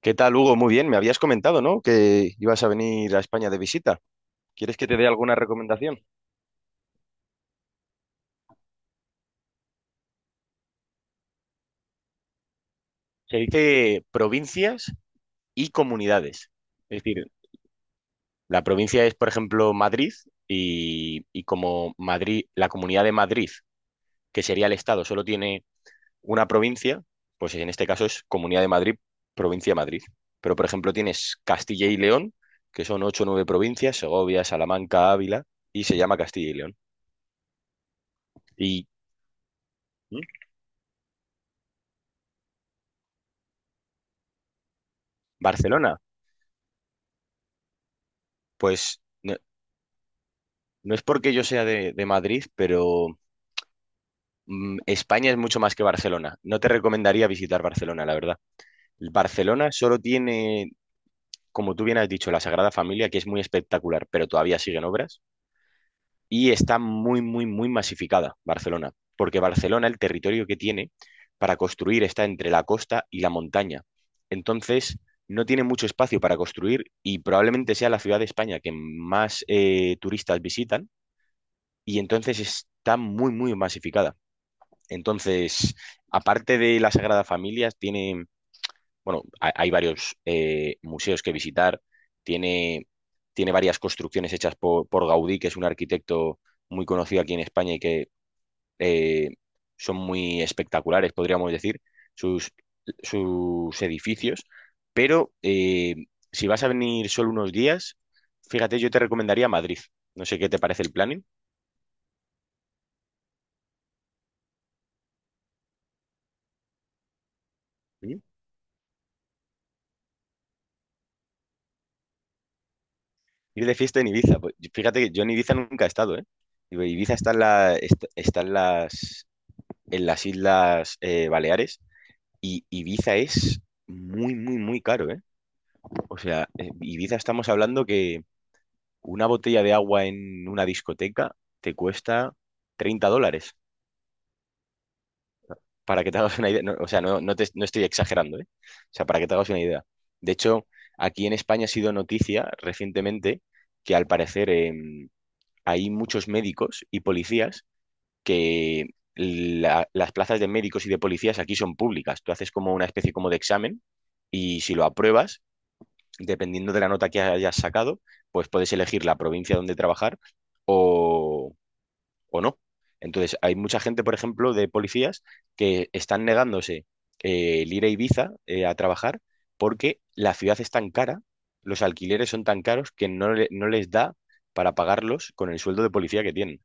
¿Qué tal, Hugo? Muy bien, me habías comentado, ¿no? Que ibas a venir a España de visita. ¿Quieres que te dé alguna recomendación? Se dice provincias y comunidades. Es decir, la provincia es, por ejemplo, Madrid y como Madrid, la comunidad de Madrid, que sería el estado, solo tiene una provincia, pues en este caso es Comunidad de Madrid, provincia de Madrid. Pero, por ejemplo, tienes Castilla y León, que son ocho o nueve provincias, Segovia, Salamanca, Ávila, y se llama Castilla y León. Y ¿Mm? Barcelona. Pues no, no es porque yo sea de Madrid, pero España es mucho más que Barcelona. No te recomendaría visitar Barcelona, la verdad. Barcelona solo tiene, como tú bien has dicho, la Sagrada Familia, que es muy espectacular, pero todavía siguen obras. Y está muy, muy, muy masificada Barcelona, porque Barcelona, el territorio que tiene para construir está entre la costa y la montaña. Entonces, no tiene mucho espacio para construir y probablemente sea la ciudad de España que más turistas visitan y entonces está muy, muy masificada. Entonces, aparte de la Sagrada Familia, tiene, bueno, hay varios museos que visitar, tiene, tiene varias construcciones hechas por Gaudí, que es un arquitecto muy conocido aquí en España y que eh, son muy espectaculares, podríamos decir, sus, sus edificios, pero si vas a venir solo unos días, fíjate, yo te recomendaría Madrid. No sé qué te parece el planning. Ir de fiesta en Ibiza. Pues, fíjate que yo en Ibiza nunca he estado, ¿eh? Digo, Ibiza está en, está en las Islas Baleares y Ibiza es muy, muy, muy caro, ¿eh? O sea, Ibiza estamos hablando que una botella de agua en una discoteca te cuesta 30 dólares, para que te hagas una idea. No, o sea, no, no, no estoy exagerando, ¿eh? O sea, para que te hagas una idea. De hecho, aquí en España ha sido noticia recientemente que al parecer, hay muchos médicos y policías que las plazas de médicos y de policías aquí son públicas. Tú haces como una especie como de examen y si lo apruebas, dependiendo de la nota que hayas sacado, pues puedes elegir la provincia donde trabajar o, o no. Entonces, hay mucha gente, por ejemplo, de policías que están negándose el ir a Ibiza a trabajar porque la ciudad es tan cara, los alquileres son tan caros que no les da para pagarlos con el sueldo de policía que tienen.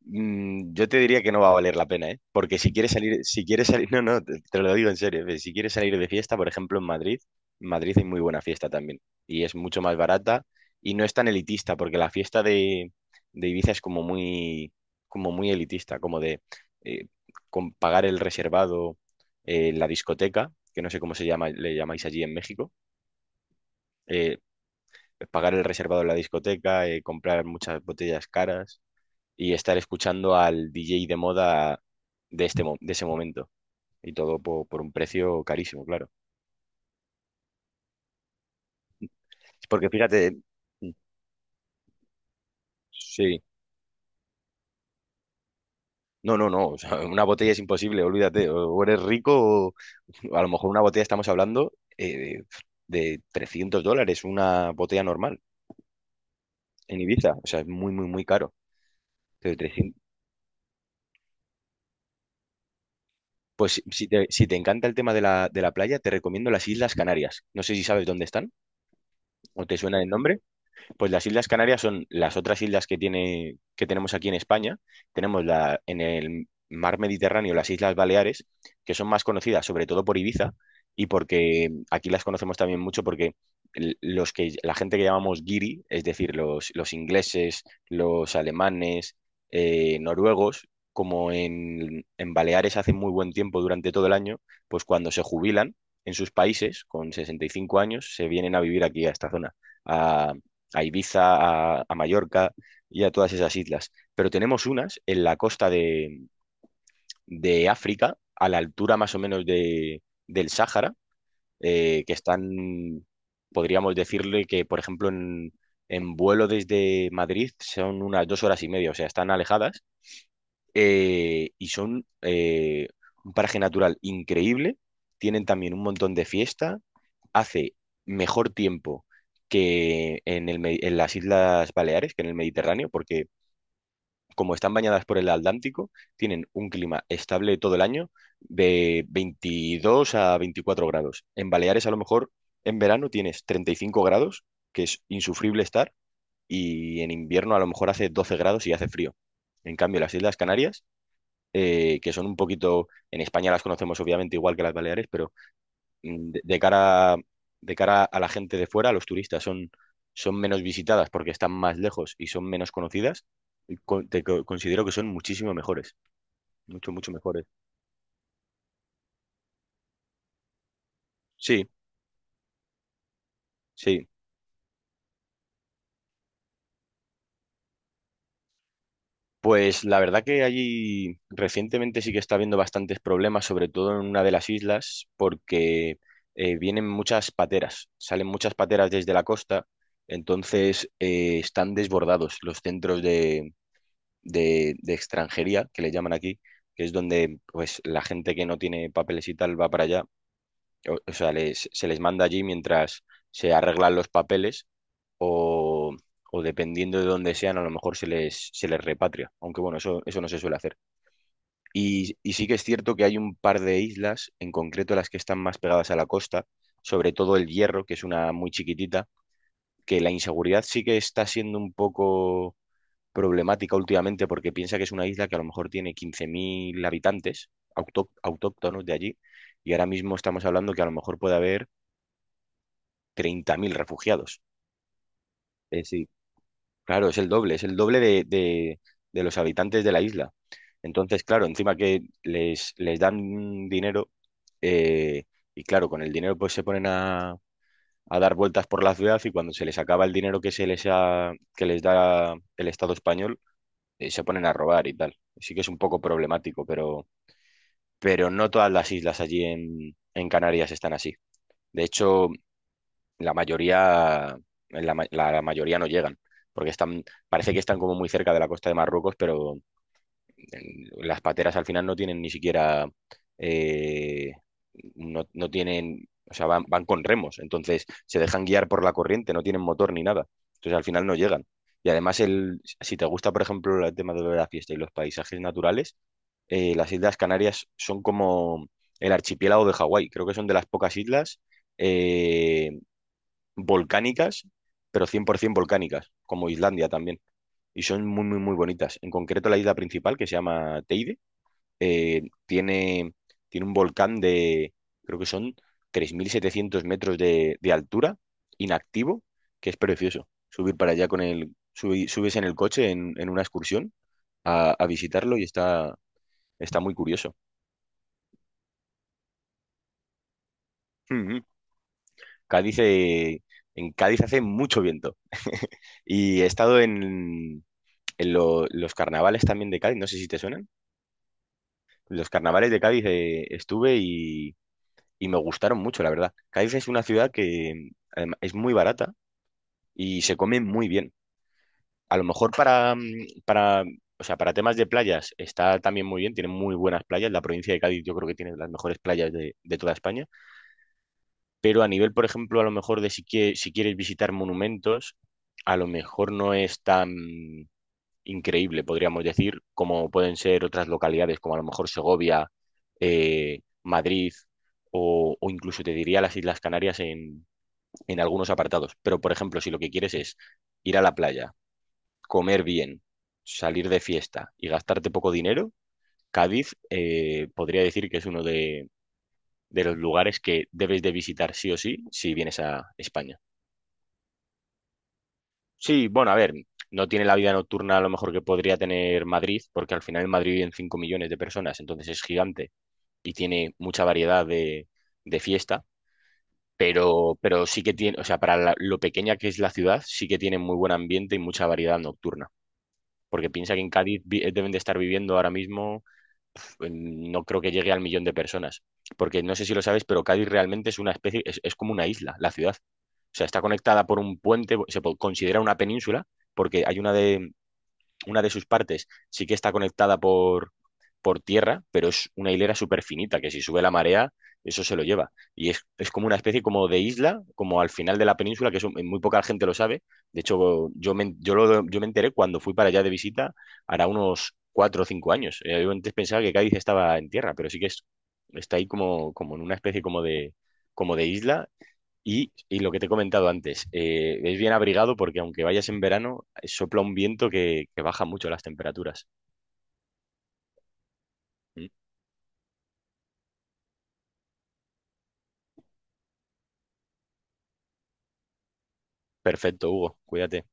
Yo te diría que no va a valer la pena, ¿eh? Porque si quieres salir, no, no, te lo digo en serio, si quieres salir de fiesta, por ejemplo, en Madrid, hay muy buena fiesta también y es mucho más barata y no es tan elitista, porque la fiesta de Ibiza es como muy, elitista, como de eh, con pagar el reservado, la discoteca, que no sé cómo se llama, le llamáis allí en México, eh, pagar el reservado en la discoteca, comprar muchas botellas caras y estar escuchando al DJ de moda de ese momento. Y todo un precio carísimo, claro. Porque fíjate, sí, no, no, no, o sea, una botella es imposible, olvídate, o eres rico, o, o a lo mejor una botella estamos hablando eh, de 300 dólares, una botella normal en Ibiza, o sea, es muy, muy, muy caro. Pero 300, pues si te encanta el tema de la playa, te recomiendo las Islas Canarias. No sé si sabes dónde están o te suena el nombre. Pues las Islas Canarias son las otras islas que tiene, que tenemos aquí en España. Tenemos en el mar Mediterráneo las Islas Baleares, que son más conocidas sobre todo por Ibiza y porque aquí las conocemos también mucho porque la gente que llamamos giri, es decir, los ingleses, los alemanes, noruegos, como en, Baleares hace muy buen tiempo durante todo el año, pues cuando se jubilan en sus países con 65 años, se vienen a vivir aquí a esta zona a, a Ibiza, a Mallorca y a todas esas islas. Pero tenemos unas en la costa de África, a la altura más o menos del Sáhara, que están, podríamos decirle que, por ejemplo, en, vuelo desde Madrid son unas 2 horas y media, o sea, están alejadas y son un paraje natural increíble. Tienen también un montón de fiesta. Hace mejor tiempo que en las Islas Baleares, que en el Mediterráneo, porque como están bañadas por el Atlántico, tienen un clima estable todo el año de 22 a 24 grados. En Baleares a lo mejor en verano tienes 35 grados, que es insufrible estar, y en invierno a lo mejor hace 12 grados y hace frío. En cambio, las Islas Canarias que son un poquito, en España las conocemos obviamente igual que las Baleares, pero mm, de, de cara, de cara a la gente de fuera, a los turistas, son, menos visitadas porque están más lejos y son menos conocidas, y considero que son muchísimo mejores, mucho, mucho mejores. Sí, sí. Pues la verdad que allí recientemente sí que está habiendo bastantes problemas, sobre todo en una de las islas, porque vienen muchas pateras, salen muchas pateras desde la costa, entonces están desbordados los centros de extranjería, que le llaman aquí, que es donde pues la gente que no tiene papeles y tal va para allá, o sea, se les manda allí mientras se arreglan los papeles o, dependiendo de dónde sean, a lo mejor se les repatria, aunque bueno, eso no se suele hacer. Y sí que es cierto que hay un par de islas, en concreto las que están más pegadas a la costa, sobre todo el Hierro, que es una muy chiquitita, que la inseguridad sí que está siendo un poco problemática últimamente porque piensa que es una isla que a lo mejor tiene 15.000 habitantes autóctonos de allí y ahora mismo estamos hablando que a lo mejor puede haber 30.000 refugiados. Es Claro, es el doble de los habitantes de la isla. Entonces, claro, encima que les dan dinero, eh, y claro, con el dinero pues se ponen a dar vueltas por la ciudad y cuando se les acaba el dinero que les da el Estado español, se ponen a robar y tal. Sí que es un poco problemático, pero, no todas las islas allí en, Canarias están así. De hecho, la mayoría, no llegan, porque están, parece que están como muy cerca de la costa de Marruecos, pero las pateras al final no tienen ni siquiera, eh, no tienen, o sea, van, con remos, entonces se dejan guiar por la corriente, no tienen motor ni nada, entonces al final no llegan. Y además, si te gusta, por ejemplo, el tema de la fiesta y los paisajes naturales, las Islas Canarias son como el archipiélago de Hawái, creo que son de las pocas islas. eh, volcánicas, pero 100% volcánicas, como Islandia también. Y son muy, muy, muy bonitas. En concreto, la isla principal, que se llama Teide, tiene, un volcán de, creo que son 3.700 metros de altura, inactivo, que es precioso. Subir para allá con subes en el coche en, una excursión a visitarlo y está, muy curioso. Mm, mm. Cádiz, en Cádiz hace mucho viento. Y he estado en, los carnavales también de Cádiz, no sé si te suenan. Los carnavales de Cádiz estuve y, me gustaron mucho, la verdad. Cádiz es una ciudad que es muy barata y se come muy bien. A lo mejor o sea, para temas de playas está también muy bien, tiene muy buenas playas. La provincia de Cádiz yo creo que tiene las mejores playas de toda España. Pero a nivel, por ejemplo, a lo mejor de si, si quieres visitar monumentos, a lo mejor no es tan increíble, podríamos decir, como pueden ser otras localidades, como a lo mejor Segovia, Madrid o incluso te diría las Islas Canarias en, algunos apartados. Pero, por ejemplo, si lo que quieres es ir a la playa, comer bien, salir de fiesta y gastarte poco dinero, Cádiz podría decir que es uno de los lugares que debes de visitar sí o sí si vienes a España. Sí, bueno, a ver, no tiene la vida nocturna a lo mejor que podría tener Madrid, porque al final en Madrid viven 5 millones de personas, entonces es gigante y tiene mucha variedad de fiesta, pero, sí que tiene, o sea, para lo pequeña que es la ciudad, sí que tiene muy buen ambiente y mucha variedad nocturna, porque piensa que en Cádiz deben de estar viviendo ahora mismo, no creo que llegue al millón de personas, porque no sé si lo sabes, pero Cádiz realmente es una especie, es como una isla, la ciudad. O sea, está conectada por un puente, considera una península, porque hay una de sus partes sí que está conectada por, tierra, pero es una hilera súper finita, que si sube la marea, eso se lo lleva. Y es, como una especie como de isla, como al final de la península, que eso muy poca gente lo sabe. De hecho, yo me enteré cuando fui para allá de visita, hará unos 4 o 5 años. Yo antes pensaba que Cádiz estaba en tierra, pero sí que es, está ahí como, como en una especie como de isla y, lo que te he comentado antes, es bien abrigado porque aunque vayas en verano, sopla un viento que baja mucho las temperaturas. Mm. Perfecto, Hugo, cuídate.